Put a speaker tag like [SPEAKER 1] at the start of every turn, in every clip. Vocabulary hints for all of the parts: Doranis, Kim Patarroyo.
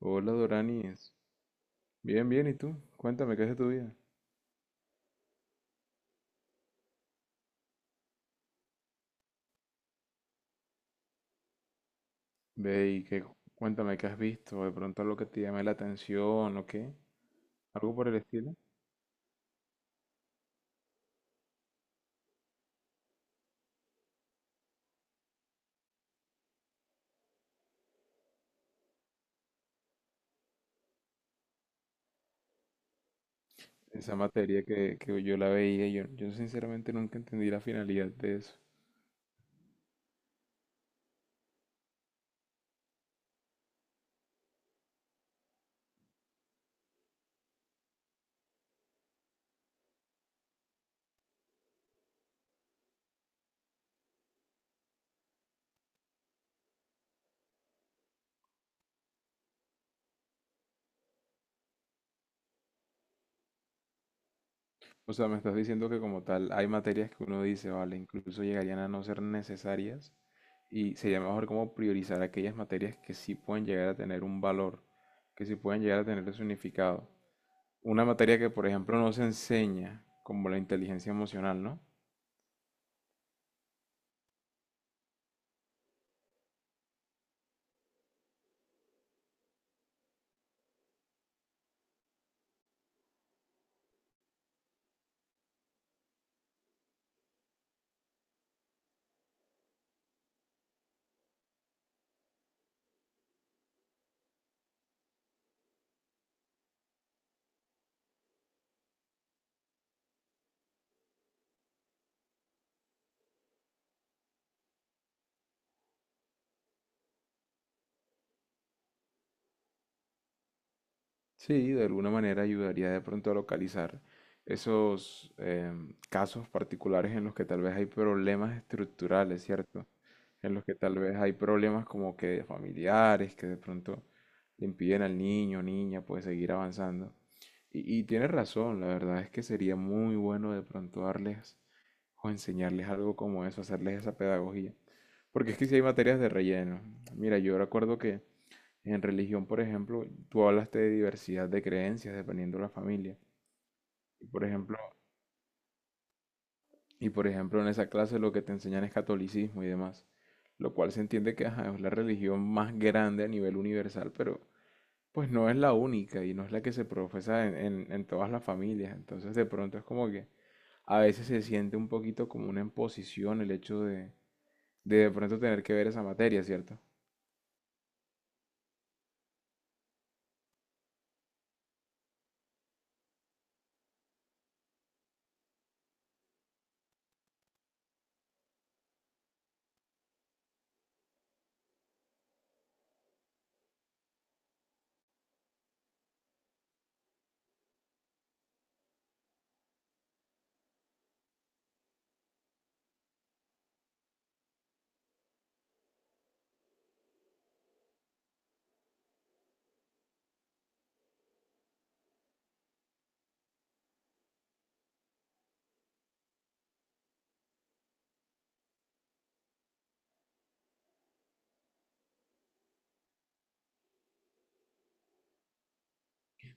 [SPEAKER 1] Hola Doranis, bien, bien, ¿y tú? Cuéntame qué es de tu vida. Ve y que cuéntame qué has visto, de pronto algo que te llame la atención o qué, algo por el estilo. Esa materia que yo la veía, yo sinceramente nunca entendí la finalidad de eso. O sea, me estás diciendo que como tal hay materias que uno dice, vale, incluso llegarían a no ser necesarias y sería mejor como priorizar aquellas materias que sí pueden llegar a tener un valor, que sí pueden llegar a tener un significado. Una materia que, por ejemplo, no se enseña, como la inteligencia emocional, ¿no? Sí, de alguna manera ayudaría de pronto a localizar esos casos particulares en los que tal vez hay problemas estructurales, ¿cierto? En los que tal vez hay problemas como que familiares, que de pronto le impiden al niño o niña pues seguir avanzando. Y tienes razón, la verdad es que sería muy bueno de pronto darles o enseñarles algo como eso, hacerles esa pedagogía. Porque es que si hay materias de relleno. Mira, yo recuerdo que en religión, por ejemplo, tú hablaste de diversidad de creencias dependiendo de la familia. Y por ejemplo, y por ejemplo, en esa clase lo que te enseñan es catolicismo y demás. Lo cual se entiende que ajá, es la religión más grande a nivel universal, pero pues no es la única y no es la que se profesa en, en todas las familias. Entonces de pronto es como que a veces se siente un poquito como una imposición el hecho de de pronto tener que ver esa materia, ¿cierto?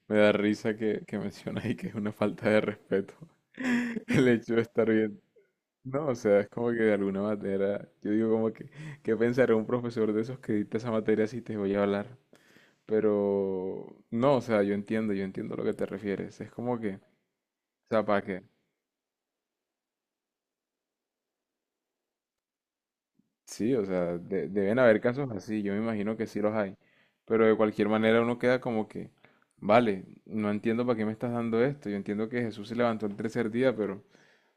[SPEAKER 1] Me da risa que mencionas ahí que es una falta de respeto el hecho de estar bien. No, o sea, es como que de alguna manera, yo digo como que ¿qué pensará un profesor de esos que dicta esa materia si te voy a hablar? Pero no, o sea, yo entiendo a lo que te refieres. Es como que, o sea, ¿para qué? Sí, o sea, de- deben haber casos así, yo me imagino que sí los hay. Pero de cualquier manera uno queda como que vale, no entiendo para qué me estás dando esto. Yo entiendo que Jesús se levantó el tercer día, pero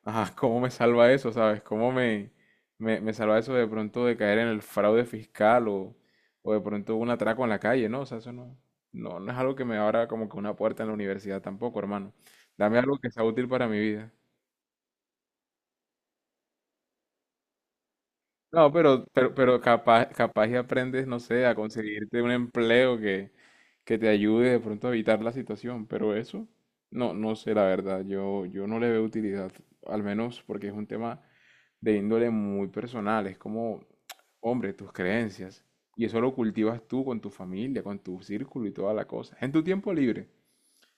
[SPEAKER 1] ajá, ¿cómo me salva eso, sabes? ¿Cómo me, me salva eso de pronto de caer en el fraude fiscal o de pronto un atraco en la calle, ¿no? O sea, eso no, no, no es algo que me abra como que una puerta en la universidad tampoco, hermano. Dame algo que sea útil para mi vida. No, pero capaz, capaz y aprendes, no sé, a conseguirte un empleo que te ayude de pronto a evitar la situación, pero eso, no, no sé, la verdad, yo no le veo utilidad, al menos porque es un tema de índole muy personal. Es como, hombre, tus creencias. Y eso lo cultivas tú con tu familia, con tu círculo y toda la cosa. En tu tiempo libre.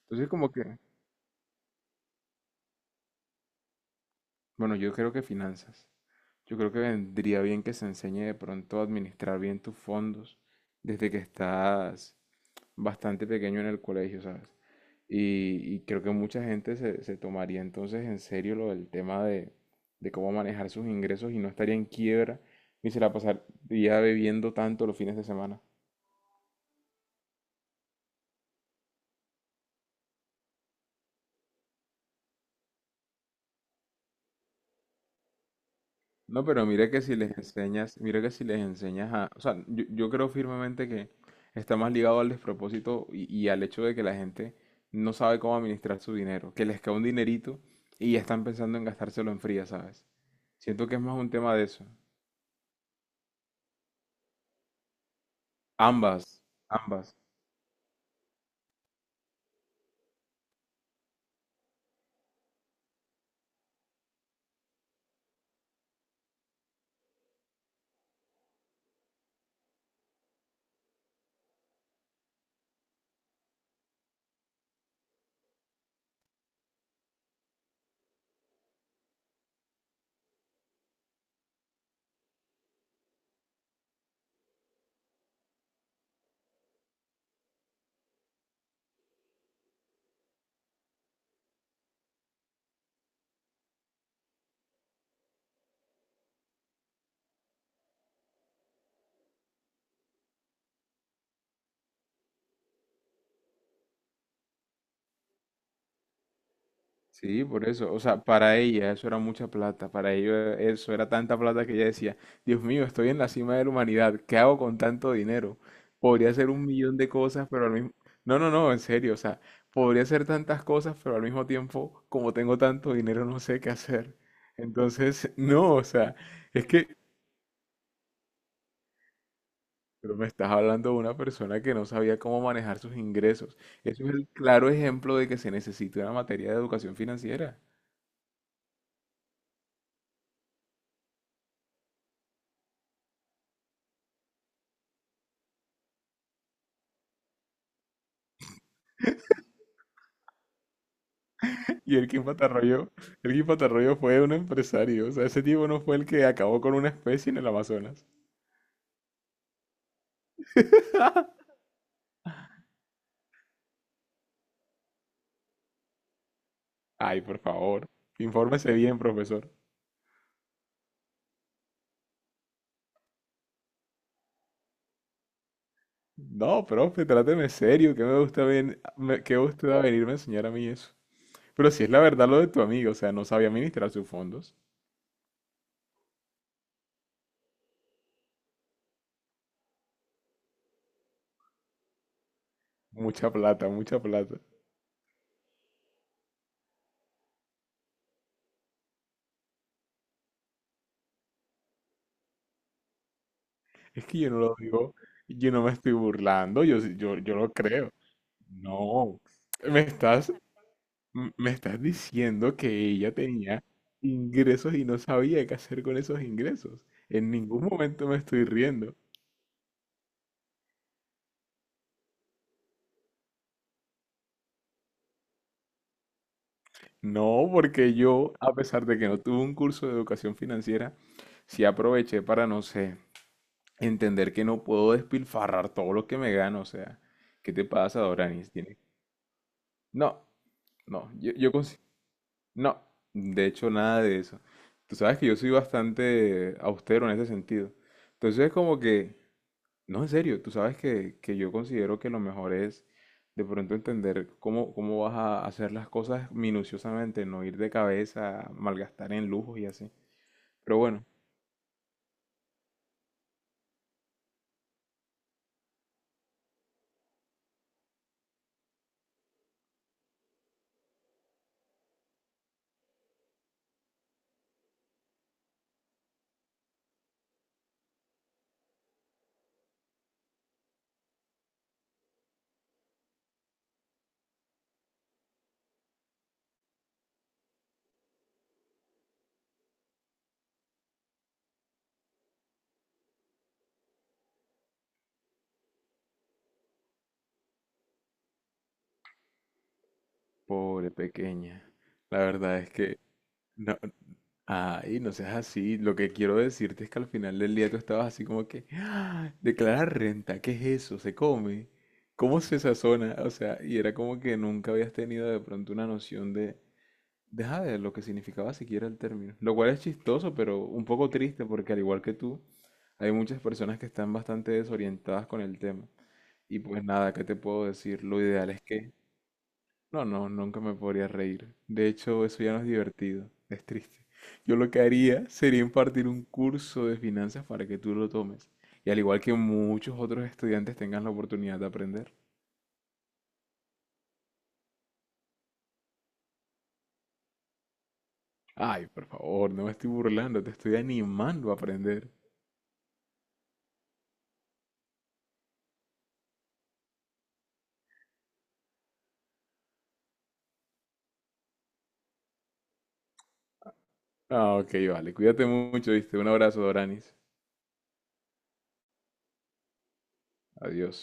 [SPEAKER 1] Entonces, como que, bueno, yo creo que finanzas. Yo creo que vendría bien que se enseñe de pronto a administrar bien tus fondos desde que estás bastante pequeño en el colegio, ¿sabes? Y creo que mucha gente se tomaría entonces en serio lo del tema de cómo manejar sus ingresos y no estaría en quiebra ni se la pasaría bebiendo tanto los fines de semana. No, pero mira que si les enseñas, mira que si les enseñas a, o sea, yo creo firmemente que está más ligado al despropósito y al hecho de que la gente no sabe cómo administrar su dinero, que les cae un dinerito y ya están pensando en gastárselo en fría, ¿sabes? Siento que es más un tema de eso. Ambas, ambas. Sí, por eso. O sea, para ella eso era mucha plata. Para ellos eso era tanta plata que ella decía, Dios mío, estoy en la cima de la humanidad. ¿Qué hago con tanto dinero? Podría hacer un millón de cosas, pero al mismo... No, no, no, en serio. O sea, podría hacer tantas cosas, pero al mismo tiempo, como tengo tanto dinero, no sé qué hacer. Entonces, no, o sea, es que... Pero me estás hablando de una persona que no sabía cómo manejar sus ingresos. Eso es el claro ejemplo de que se necesita una materia de educación financiera. Y el Kim Patarroyo fue un empresario. O sea, ese tipo no fue el que acabó con una especie en el Amazonas. Ay, por favor. Infórmese bien, profesor. No, profe, tráteme serio, que me gusta ven, me- que usted va a venirme a enseñar a mí eso. Pero si es la verdad lo de tu amigo, o sea, no sabía administrar sus fondos. Mucha plata, mucha plata. Es que yo no lo digo, yo no me estoy burlando, yo, sí- yo lo creo. No, me estás M- me estás diciendo que ella tenía ingresos y no sabía qué hacer con esos ingresos. En ningún momento me estoy riendo. No, porque yo, a pesar de que no tuve un curso de educación financiera, sí aproveché para, no sé, entender que no puedo despilfarrar todo lo que me gano. O sea, ¿qué te pasa, Doranis? Tiene- no, no, yo consi- no, de hecho, nada de eso. Tú sabes que yo soy bastante austero en ese sentido. Entonces, como que no, en serio, tú sabes que yo considero que lo mejor es de pronto entender cómo, cómo vas a hacer las cosas minuciosamente, no ir de cabeza, malgastar en lujos y así. Pero bueno, pobre pequeña, la verdad es que no, ay, no seas así. Lo que quiero decirte es que al final del día tú estabas así como que, "Ah, declarar renta, ¿qué es eso? ¿Se come? ¿Cómo se sazona? O sea, y era como que nunca habías tenido de pronto una noción de Deja de lo que significaba siquiera el término. Lo cual es chistoso, pero un poco triste porque al igual que tú, hay muchas personas que están bastante desorientadas con el tema. Y pues nada, ¿qué te puedo decir? Lo ideal es que... No, no, nunca me podría reír. De hecho, eso ya no es divertido. Es triste. Yo lo que haría sería impartir un curso de finanzas para que tú lo tomes. Y al igual que muchos otros estudiantes tengan la oportunidad de aprender. Ay, por favor, no me estoy burlando, te estoy animando a aprender. Ah, ok, vale. Cuídate mucho, ¿viste? Un abrazo, Doranis. Adiós.